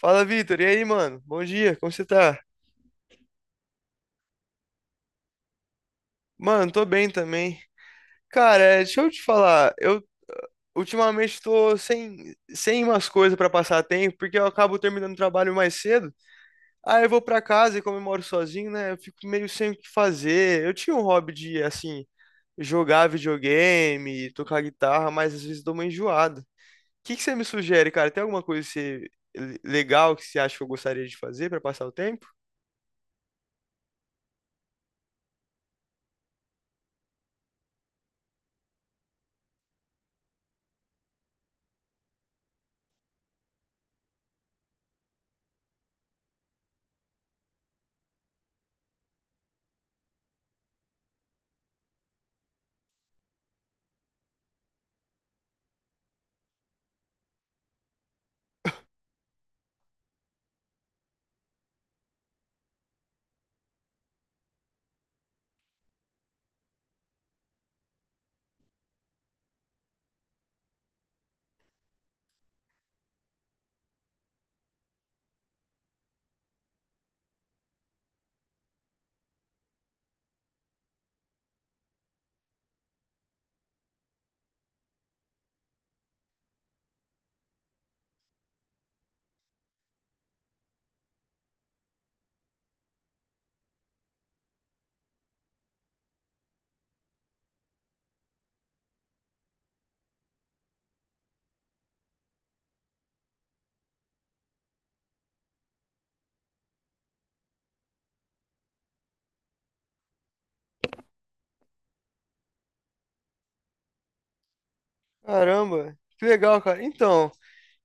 Fala, Vitor. E aí, mano? Bom dia, como você tá? Mano, tô bem também. Cara, deixa eu te falar, eu ultimamente tô sem umas coisas pra passar tempo, porque eu acabo terminando o trabalho mais cedo. Aí eu vou pra casa e como eu moro sozinho, né? Eu fico meio sem o que fazer. Eu tinha um hobby de, assim, jogar videogame, tocar guitarra, mas às vezes dou uma enjoada. O que que você me sugere, cara? Tem alguma coisa que legal que você acha que eu gostaria de fazer pra passar o tempo? Caramba, que legal, cara. Então,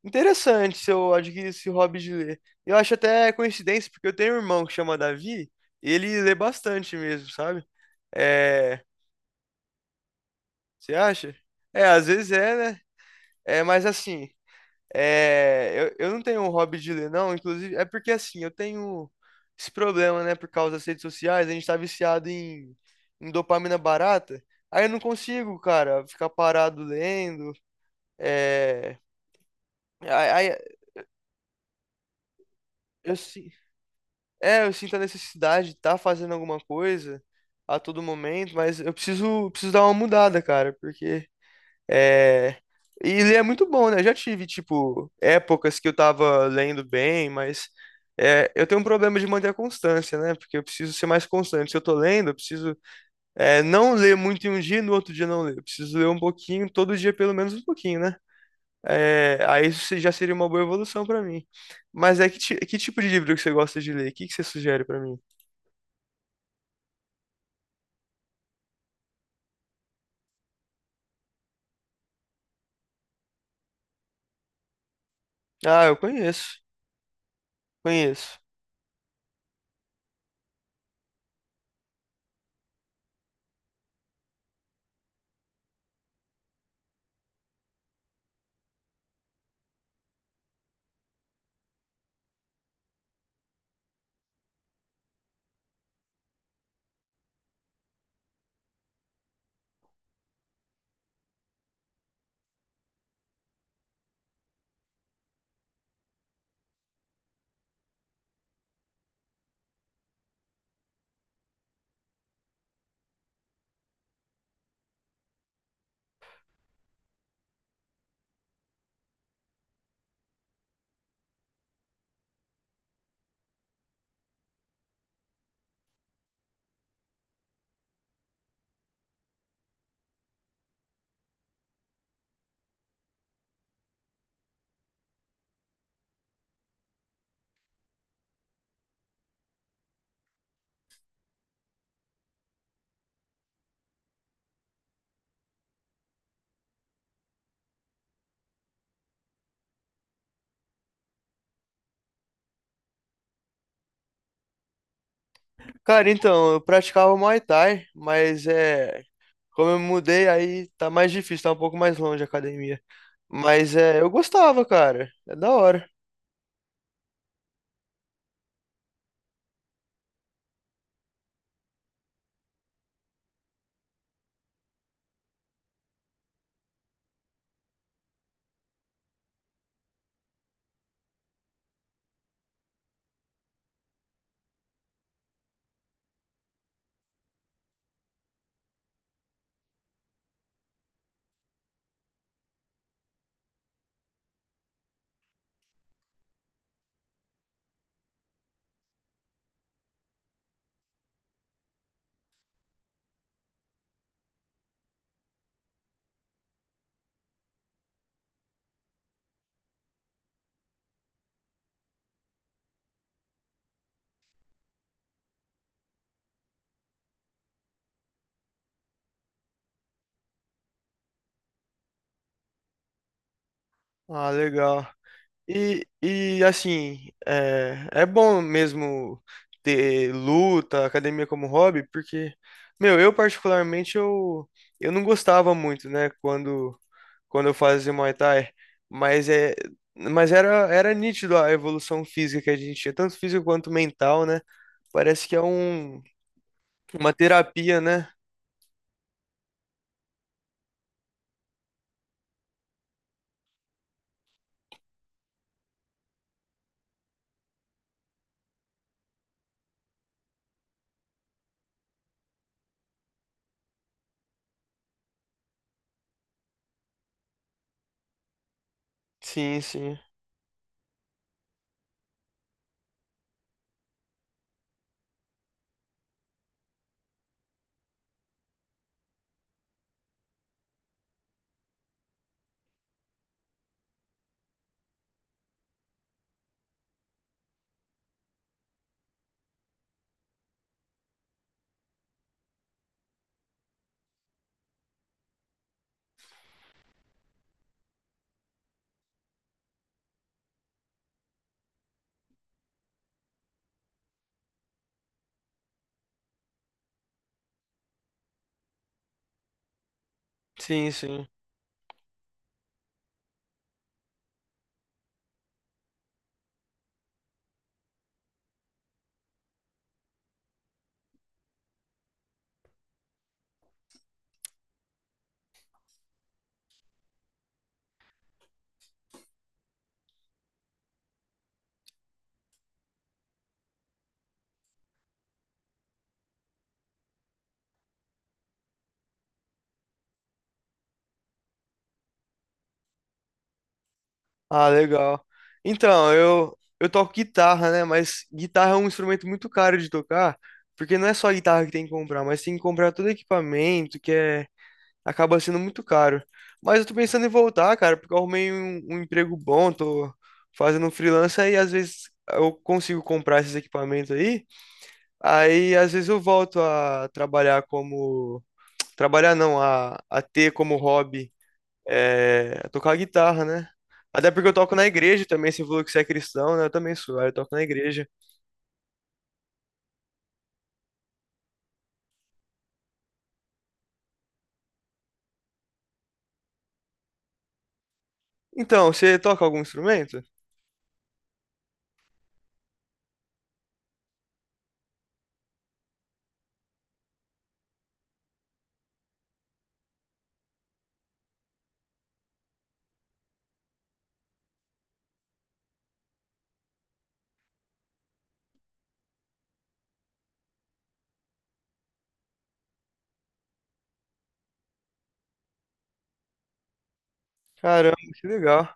interessante se eu adquirir esse hobby de ler. Eu acho até coincidência, porque eu tenho um irmão que chama Davi, e ele lê bastante mesmo, sabe? É, você acha? É, às vezes é, né? É, mas assim, eu não tenho um hobby de ler, não. Inclusive, é porque assim, eu tenho esse problema, né? Por causa das redes sociais, a gente tá viciado em dopamina barata. Aí eu não consigo, cara, ficar parado lendo. É, aí, aí eu, si, É, eu sinto a necessidade de estar fazendo alguma coisa a todo momento, mas eu preciso dar uma mudada, cara, porque é. E ler é muito bom, né? Eu já tive, tipo, épocas que eu tava lendo bem, mas é, eu tenho um problema de manter a constância, né? Porque eu preciso ser mais constante. Se eu tô lendo, eu preciso não ler muito em um dia e no outro dia não ler. Eu preciso ler um pouquinho, todo dia pelo menos um pouquinho, né? É, aí já seria uma boa evolução pra mim. Mas é que, que tipo de livro que você gosta de ler? O que que você sugere pra mim? Ah, eu conheço, conheço. Cara, então, eu praticava Muay Thai, mas é, como eu me mudei, aí tá mais difícil, tá um pouco mais longe a academia. Mas é, eu gostava, cara. É da hora. Ah, legal. E, assim, é bom mesmo ter luta, academia como hobby, porque, meu, eu particularmente eu não gostava muito, né, quando eu fazia Muay Thai, mas é, mas era nítido a evolução física que a gente tinha, tanto física quanto mental, né? Parece que é uma terapia, né? Sim, sim. Sim, sim. Ah, legal. Então, eu toco guitarra, né? Mas guitarra é um instrumento muito caro de tocar, porque não é só a guitarra que tem que comprar, mas tem que comprar todo equipamento, que é acaba sendo muito caro. Mas eu tô pensando em voltar, cara, porque eu arrumei um emprego bom, tô fazendo um freelancer e às vezes eu consigo comprar esses equipamentos aí. Aí às vezes eu volto a trabalhar como. Trabalhar não, a ter como hobby, tocar guitarra, né? Até porque eu toco na igreja também, você falou que você é cristão, né? Eu também sou, aí eu toco na igreja. Então, você toca algum instrumento? Caramba, que legal.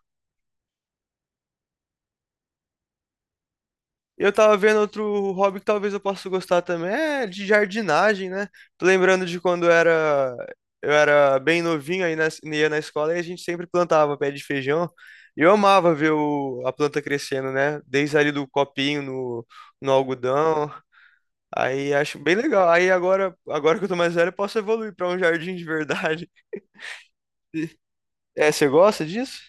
Eu tava vendo outro hobby que talvez eu possa gostar também, é de jardinagem, né? Tô lembrando de quando eu era bem novinho, aí ia na escola e a gente sempre plantava pé de feijão. E eu amava ver a planta crescendo, né? Desde ali do copinho no, algodão. Aí acho bem legal. Aí agora que eu tô mais velho, eu posso evoluir pra um jardim de verdade. É, você gosta disso?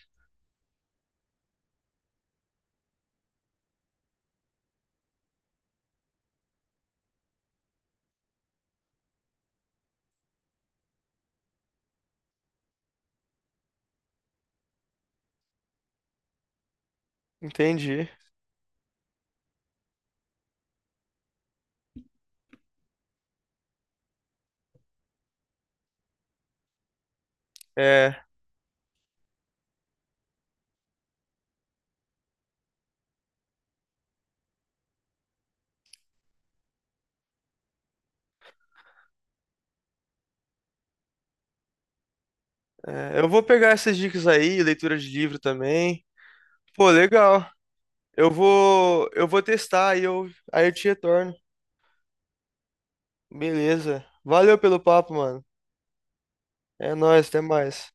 Entendi. É, eu vou pegar essas dicas aí, leitura de livro também. Pô, legal. Eu vou testar aí eu te retorno. Beleza. Valeu pelo papo, mano. É nóis, até mais.